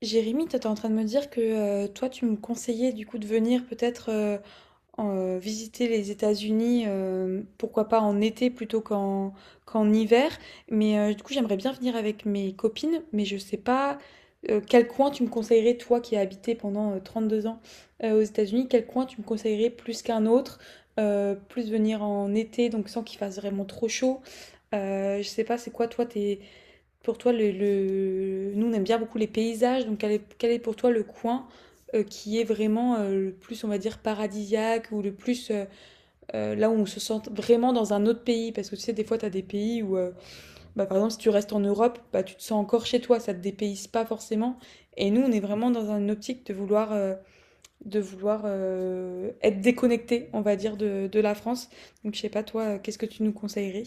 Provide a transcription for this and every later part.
Jérémy, toi, t'es en train de me dire que toi, tu me conseillais du coup de venir peut-être visiter les États-Unis, pourquoi pas en été plutôt qu'en hiver. Mais du coup, j'aimerais bien venir avec mes copines, mais je sais pas quel coin tu me conseillerais, toi qui as habité pendant deux ans aux États-Unis, quel coin tu me conseillerais plus qu'un autre, plus venir en été, donc sans qu'il fasse vraiment trop chaud. Je sais pas, c'est quoi toi tes, pour toi le- nous, on aime bien beaucoup les paysages, donc quel est pour toi le coin qui est vraiment le plus, on va dire, paradisiaque ou le plus là où on se sent vraiment dans un autre pays? Parce que tu sais, des fois, tu as des pays où, bah, par exemple, si tu restes en Europe, bah, tu te sens encore chez toi, ça te dépayse pas forcément. Et nous, on est vraiment dans une optique de vouloir être déconnecté, on va dire, de la France. Donc, je sais pas, toi, qu'est-ce que tu nous conseillerais?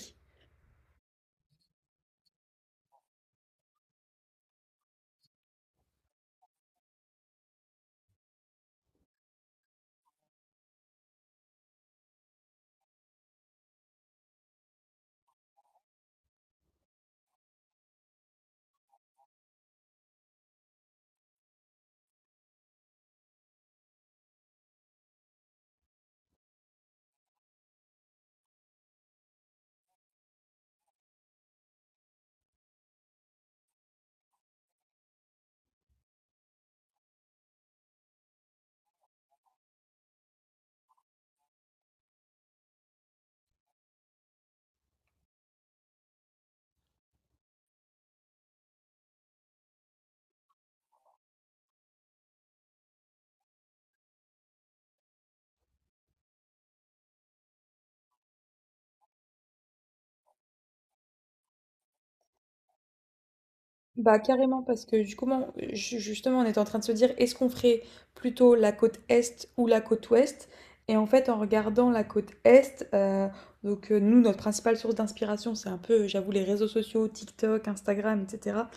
Bah carrément parce que du coup, justement, on était en train de se dire, est-ce qu'on ferait plutôt la côte est ou la côte ouest? Et en fait, en regardant la côte est, nous, notre principale source d'inspiration, c'est un peu, j'avoue, les réseaux sociaux, TikTok, Instagram, etc.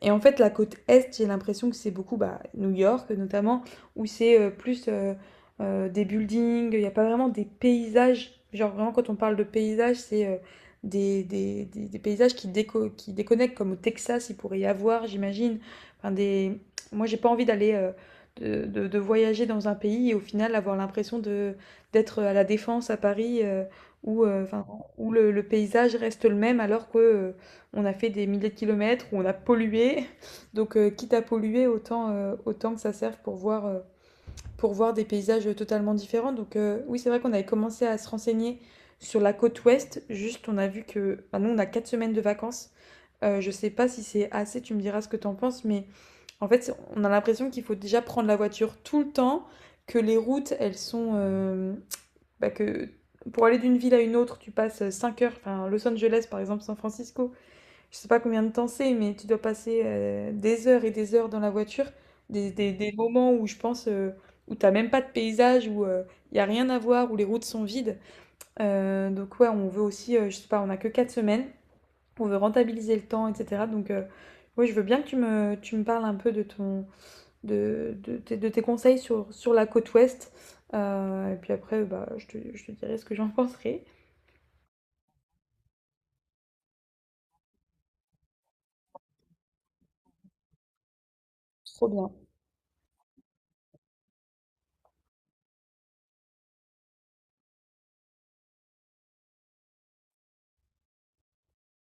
Et en fait, la côte Est, j'ai l'impression que c'est beaucoup bah, New York notamment, où c'est plus des buildings, il n'y a pas vraiment des paysages. Genre vraiment, quand on parle de paysages, c'est des paysages qui déconnectent, comme au Texas, il pourrait y avoir, j'imagine. Enfin, des... Moi, j'ai pas envie de voyager dans un pays et au final avoir l'impression de d'être à la Défense à Paris où, euh, 'fin, où le paysage reste le même alors que on a fait des milliers de kilomètres, où on a pollué. Donc, quitte à polluer, autant que ça serve pour voir des paysages totalement différents. Donc, oui, c'est vrai qu'on avait commencé à se renseigner sur la côte ouest. Juste, on a vu que. Enfin, nous, on a 4 semaines de vacances. Je sais pas si c'est assez, tu me diras ce que t'en penses, mais en fait, on a l'impression qu'il faut déjà prendre la voiture tout le temps, que les routes, elles sont. Bah, que pour aller d'une ville à une autre, tu passes 5 heures. Enfin, Los Angeles, par exemple, San Francisco, je sais pas combien de temps c'est, mais tu dois passer des heures et des heures dans la voiture, des moments où je pense où t'as même pas de paysage, où il y a rien à voir, où les routes sont vides. Donc ouais, on veut aussi, je sais pas, on a que quatre semaines, on veut rentabiliser le temps, etc. Ouais, je veux bien que tu me parles un peu de ton, de tes conseils sur la côte ouest. Et puis après, bah, je te dirai ce que j'en penserai. Trop bien.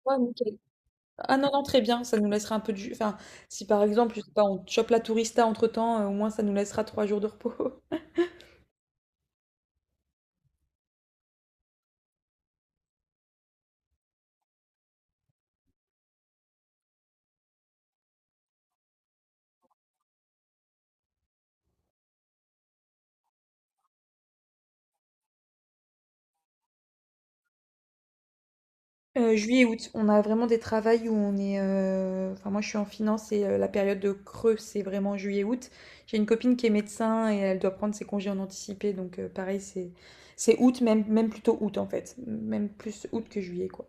Ouais, nickel. Ah non, non, très bien, ça nous laissera un peu du Enfin, si par exemple, je sais pas, on chope la tourista entre-temps, au moins ça nous laissera trois jours de repos. Juillet et août, on a vraiment des travails où on est... enfin, moi, je suis en finance et la période de creux, c'est vraiment juillet-août. J'ai une copine qui est médecin et elle doit prendre ses congés en anticipé. Donc, pareil, c'est août, même plutôt août, en fait. Même plus août que juillet, quoi.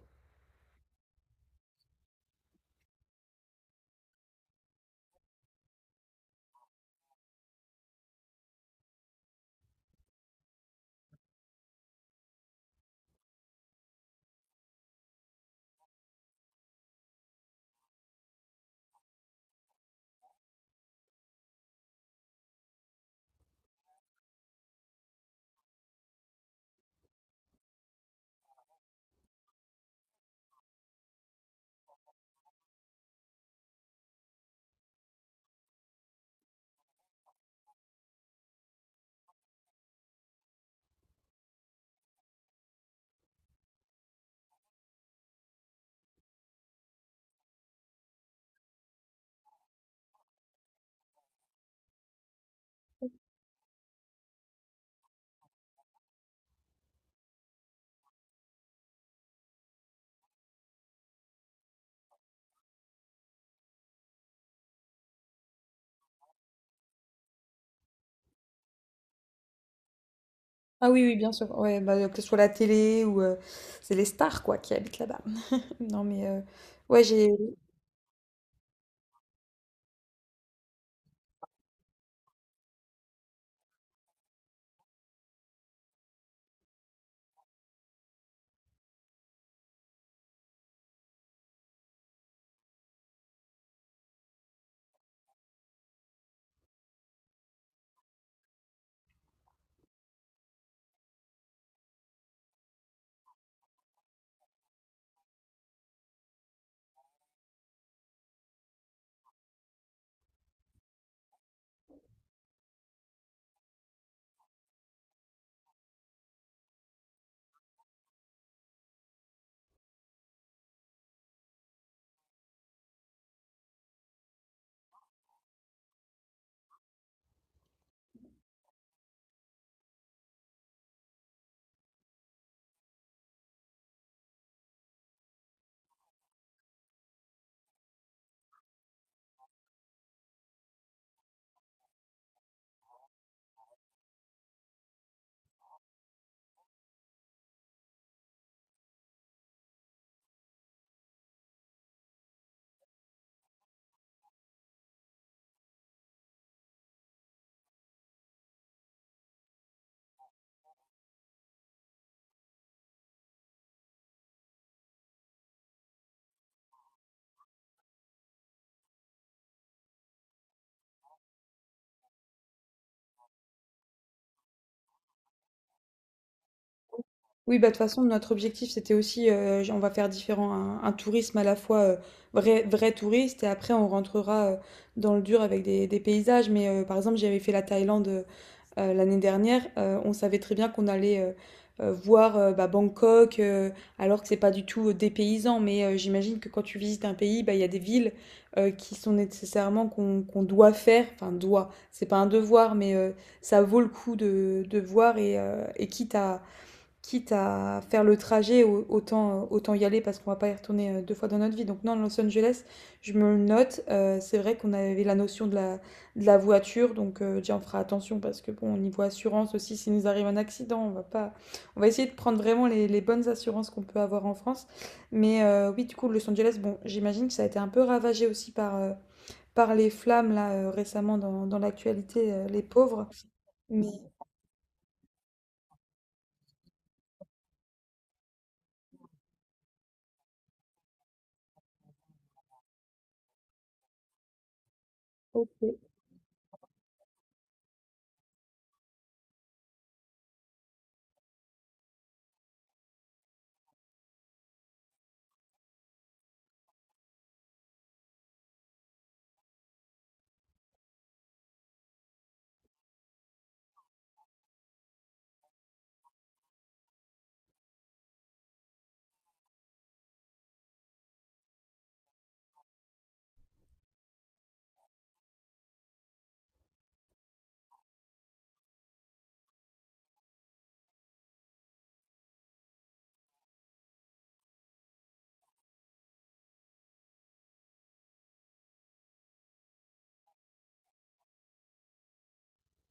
Ah oui, oui, bien sûr. Ouais, bah, que ce soit la télé ou... c'est les stars, quoi, qui habitent là-bas. Non, mais... ouais, j'ai... Oui, bah, de toute façon, notre objectif, c'était aussi, on va faire différent, un tourisme à la fois vrai touriste, et après, on rentrera dans le dur avec des paysages. Mais par exemple, j'avais fait la Thaïlande l'année dernière, on savait très bien qu'on allait voir bah, Bangkok, alors que c'est pas du tout des paysans. Mais j'imagine que quand tu visites un pays, bah, il y a des villes qui sont nécessairement qu'on doit faire, enfin, doit, c'est pas un devoir, mais ça vaut le coup de voir, et quitte à faire le trajet, autant y aller parce qu'on va pas y retourner deux fois dans notre vie. Donc non, Los Angeles, je me le note. C'est vrai qu'on avait la notion de la voiture, donc déjà on fera attention parce que bon, au niveau assurance aussi, s'il nous arrive un accident, on va pas, on va essayer de prendre vraiment les bonnes assurances qu'on peut avoir en France. Mais oui, du coup, Los Angeles, bon, j'imagine que ça a été un peu ravagé aussi par, par les flammes là récemment dans l'actualité, les pauvres. Mais ok.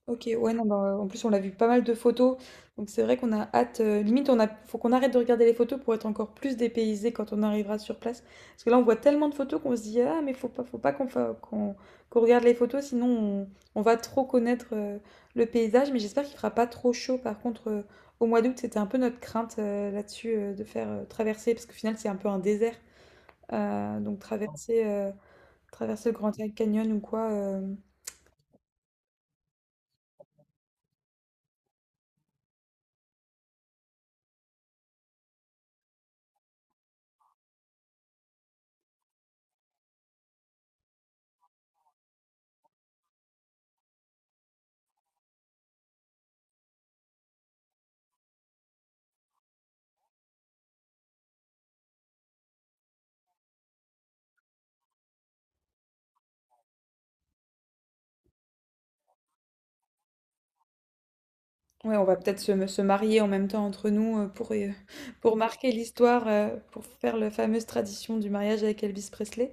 Ok, ouais, non, bah, en plus on l'a vu pas mal de photos, donc c'est vrai qu'on a hâte, limite on a, faut qu'on arrête de regarder les photos pour être encore plus dépaysé quand on arrivera sur place, parce que là on voit tellement de photos qu'on se dit ah mais faut pas qu'on fa- qu'on qu'on regarde les photos on va trop connaître le paysage, mais j'espère qu'il fera pas trop chaud par contre au mois d'août c'était un peu notre crainte là-dessus de faire traverser, parce qu'au final c'est un peu un désert. Euh, donc traverser euh, traverser le Grand Canyon ou quoi. Ouais, on va peut-être se marier en même temps entre nous pour pour marquer l'histoire, pour faire la fameuse tradition du mariage avec Elvis Presley.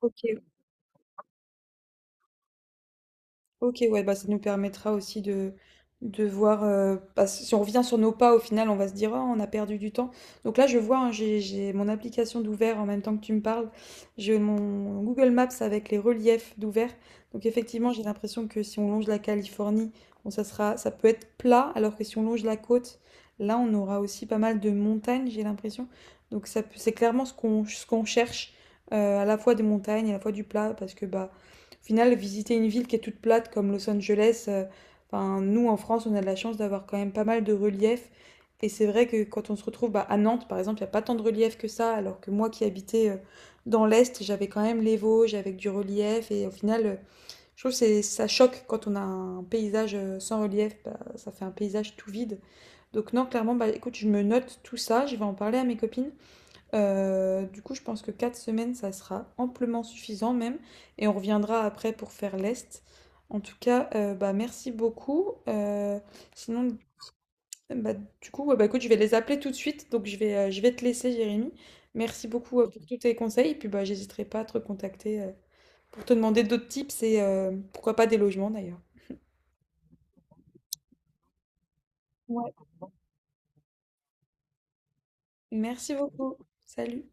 Ok, ok, ouais, bah ça nous permettra aussi de voir. Parce si on revient sur nos pas, au final, on va se dire, ah, on a perdu du temps. Donc là, je vois, hein, j'ai mon application d'ouvert en même temps que tu me parles. J'ai mon Google Maps avec les reliefs d'ouvert. Donc effectivement, j'ai l'impression que si on longe la Californie, bon, ça peut être plat, alors que si on longe la côte, là, on aura aussi pas mal de montagnes, j'ai l'impression. Donc ça, c'est clairement ce qu'on cherche, à la fois des montagnes, à la fois du plat, parce que bah au final, visiter une ville qui est toute plate comme Los Angeles, enfin, nous en France, on a de la chance d'avoir quand même pas mal de relief. Et c'est vrai que quand on se retrouve bah, à Nantes, par exemple, il n'y a pas tant de relief que ça, alors que moi qui habitais dans l'Est, j'avais quand même les Vosges avec du relief. Et au final, je trouve que ça choque quand on a un paysage sans relief, bah, ça fait un paysage tout vide. Donc non, clairement, bah, écoute, je me note tout ça, je vais en parler à mes copines. Du coup, je pense que 4 semaines, ça sera amplement suffisant même. Et on reviendra après pour faire l'Est. En tout cas, bah, merci beaucoup. Sinon, bah, du coup, ouais, bah, écoute, je vais les appeler tout de suite. Donc, je vais te laisser, Jérémy. Merci beaucoup pour tous tes conseils. Et puis, bah, j'hésiterai pas à te recontacter pour te demander d'autres tips et pourquoi pas des logements d'ailleurs. Ouais. Merci beaucoup. Salut.